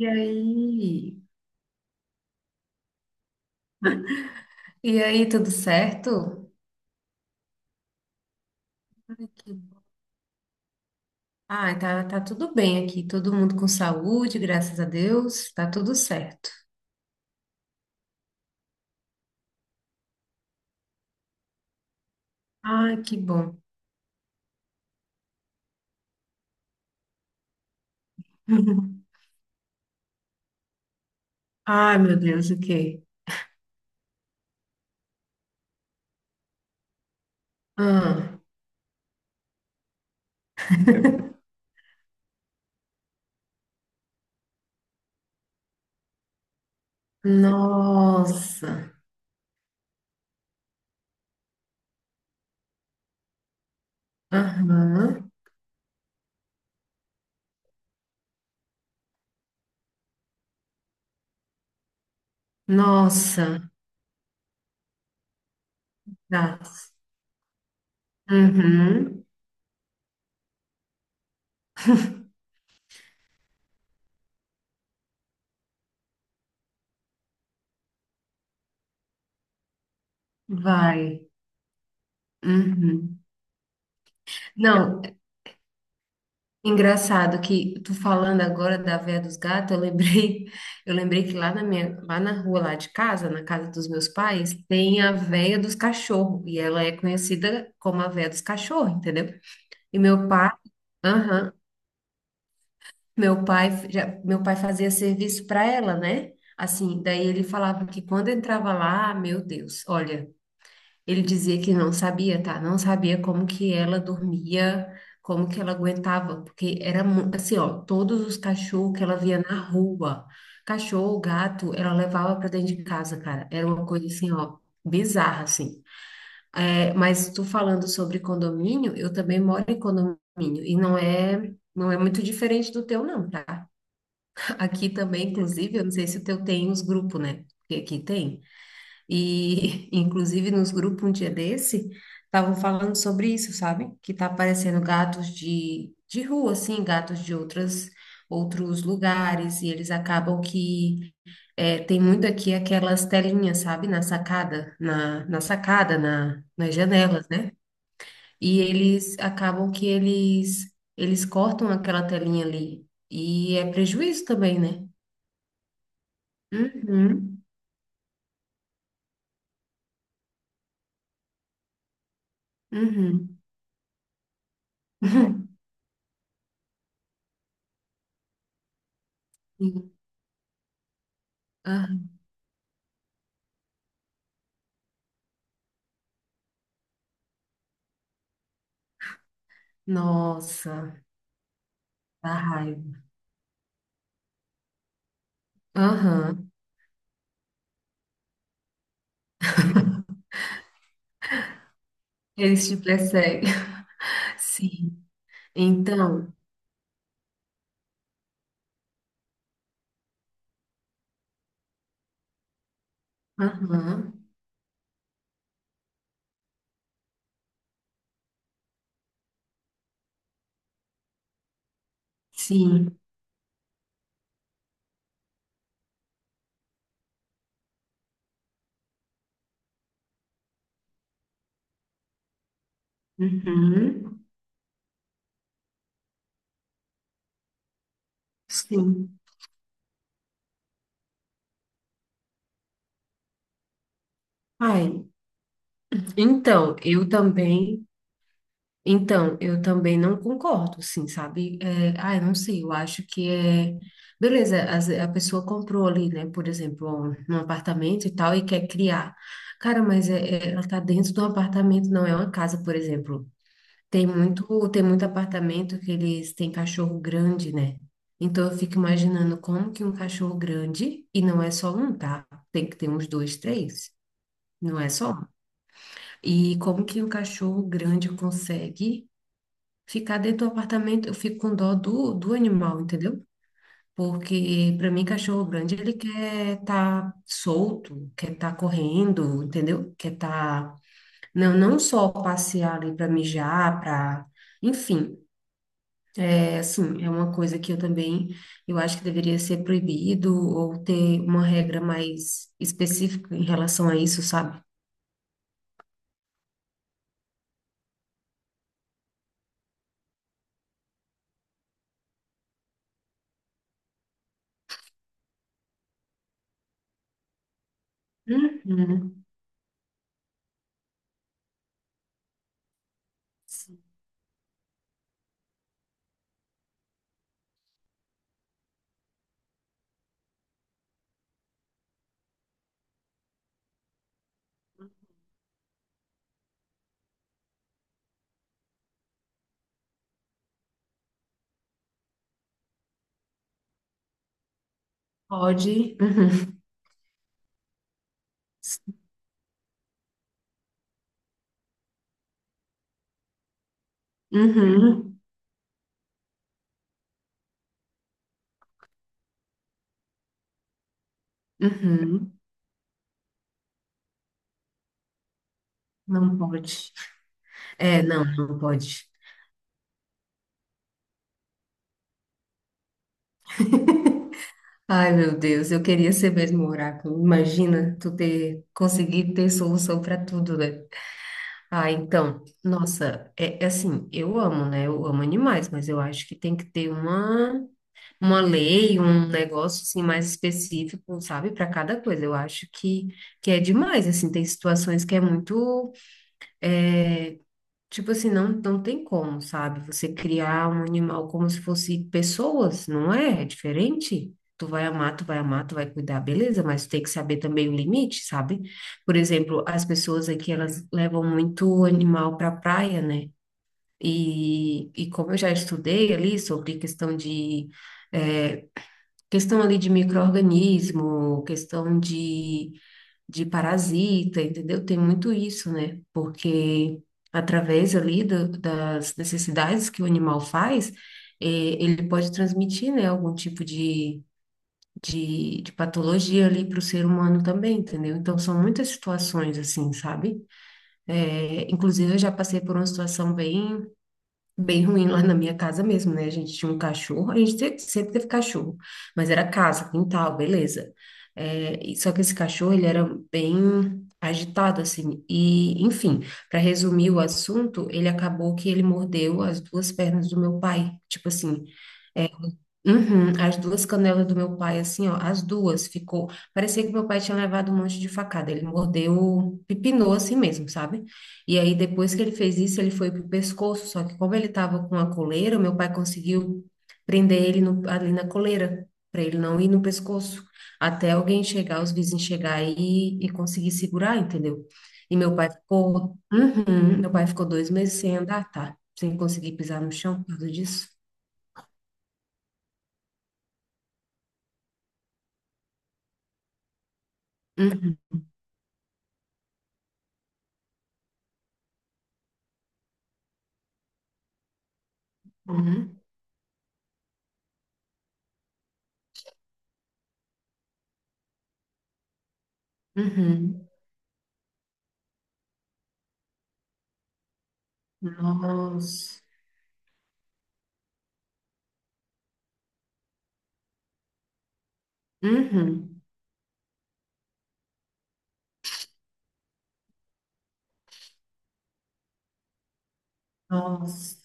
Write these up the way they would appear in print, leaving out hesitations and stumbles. E aí? E aí, tudo certo? Ai, que bom. Ai, tá tudo bem aqui. Todo mundo com saúde, graças a Deus. Tá tudo certo. Ai, que bom. Ai, meu Deus, o quê? Ah, nossa. Aham. Nossa. Tá. Uhum. Vai. Uhum. Não, engraçado que tu falando agora da Véia dos Gatos, eu lembrei, eu lembrei que lá na minha, lá na rua lá de casa, na casa dos meus pais, tem a Véia dos Cachorros, e ela é conhecida como a Véia dos Cachorros, entendeu? E meu pai, aham, meu pai, meu pai fazia serviço para ela, né? Assim, daí ele falava que quando entrava lá, meu Deus, olha, ele dizia que não sabia, tá? Não sabia como que ela dormia, como que ela aguentava, porque era assim, ó, todos os cachorros que ela via na rua, cachorro, gato, ela levava para dentro de casa, cara. Era uma coisa assim, ó, bizarra, assim. É, mas tu falando sobre condomínio, eu também moro em condomínio e não é muito diferente do teu, não, tá? Aqui também, inclusive, eu não sei se o teu tem os grupos, né? Porque aqui tem. E, inclusive, nos grupos um dia desse, estavam falando sobre isso, sabe? Que tá aparecendo gatos de rua, assim, gatos de outros lugares, e eles acabam que é, tem muito aqui aquelas telinhas, sabe? Na sacada, na sacada, nas janelas, né? E eles acabam que eles cortam aquela telinha ali. E é prejuízo também, né? Uhum, uhum. Sim. Ah, nossa. Dá raiva. Aham. Eles te perseguem. Sim. Então, aham. Sim. Uhum. Sim. Ai. Então, eu também. Então, eu também não concordo, assim, sabe? É, ai, não sei, eu acho que é. Beleza, a pessoa comprou ali, né, por exemplo, um apartamento e tal, e quer criar. Cara, mas é, ela tá dentro de um apartamento, não é uma casa, por exemplo. Tem muito apartamento que eles têm cachorro grande, né? Então eu fico imaginando como que um cachorro grande, e não é só um, tá? Tem que ter uns dois, três, não é só um. E como que um cachorro grande consegue ficar dentro do apartamento? Eu fico com dó do, do animal, entendeu? Porque para mim, cachorro grande, ele quer estar solto, quer estar correndo, entendeu? Quer estar. Não, não só passear ali para mijar, para. Enfim, é, assim, é uma coisa que eu também, eu acho que deveria ser proibido ou ter uma regra mais específica em relação a isso, sabe? Uhum. Sim. Pode. Uhum. Uhum. Uhum. Não pode. É, não, não pode. Ai, meu Deus, eu queria ser mesmo um oráculo. Imagina tu ter conseguido ter solução para tudo, né? Ah, então, nossa, é, é assim, eu amo, né? Eu amo animais, mas eu acho que tem que ter uma lei, um negócio assim mais específico, sabe, para cada coisa. Eu acho que é demais, assim, tem situações que é muito, tipo assim, não tem como, sabe? Você criar um animal como se fosse pessoas, não é? É diferente. Tu vai amar, tu vai amar, tu vai cuidar, beleza, mas tem que saber também o limite, sabe? Por exemplo, as pessoas aqui, elas levam muito animal para praia, né? E como eu já estudei ali sobre questão de eh, questão ali de micro-organismo, questão de parasita, entendeu? Tem muito isso, né? Porque através ali das necessidades que o animal faz, eh, ele pode transmitir, né, algum tipo de patologia ali para o ser humano também, entendeu? Então, são muitas situações assim, sabe? Inclusive, eu já passei por uma situação bem bem ruim lá na minha casa mesmo, né? A gente tinha um cachorro, sempre teve cachorro, mas era casa, quintal, beleza. É, e só que esse cachorro, ele era bem agitado, assim, e, enfim, para resumir o assunto, ele acabou que ele mordeu as duas pernas do meu pai, tipo assim, uhum, as duas canelas do meu pai, assim, ó, as duas ficou. Parecia que meu pai tinha levado um monte de facada. Ele mordeu, pepinou assim mesmo, sabe? E aí, depois que ele fez isso, ele foi pro pescoço. Só que, como ele tava com a coleira, meu pai conseguiu prender ele ali na coleira, para ele não ir no pescoço. Até alguém chegar, os vizinhos chegar e conseguir segurar, entendeu? E meu pai ficou. Uhum, meu pai ficou 2 meses sem andar, tá? Sem conseguir pisar no chão por causa disso. Uhum. Uhum. Uhum. Nossa. Uhum. Nossa.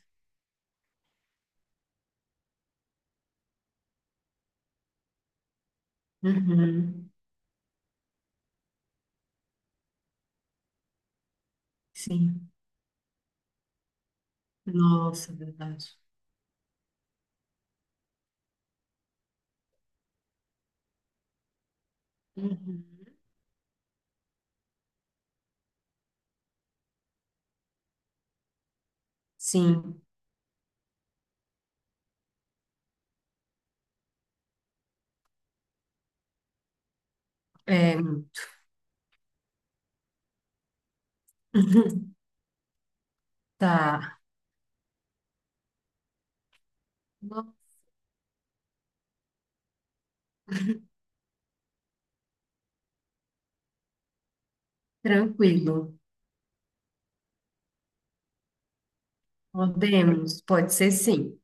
Uhum. Sim. Nossa, é verdade. Uhum. Sim. É. Uhum. Tá. Tranquilo. Podemos. Pode ser sim.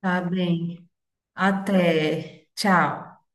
Tá bem. Até. Tchau.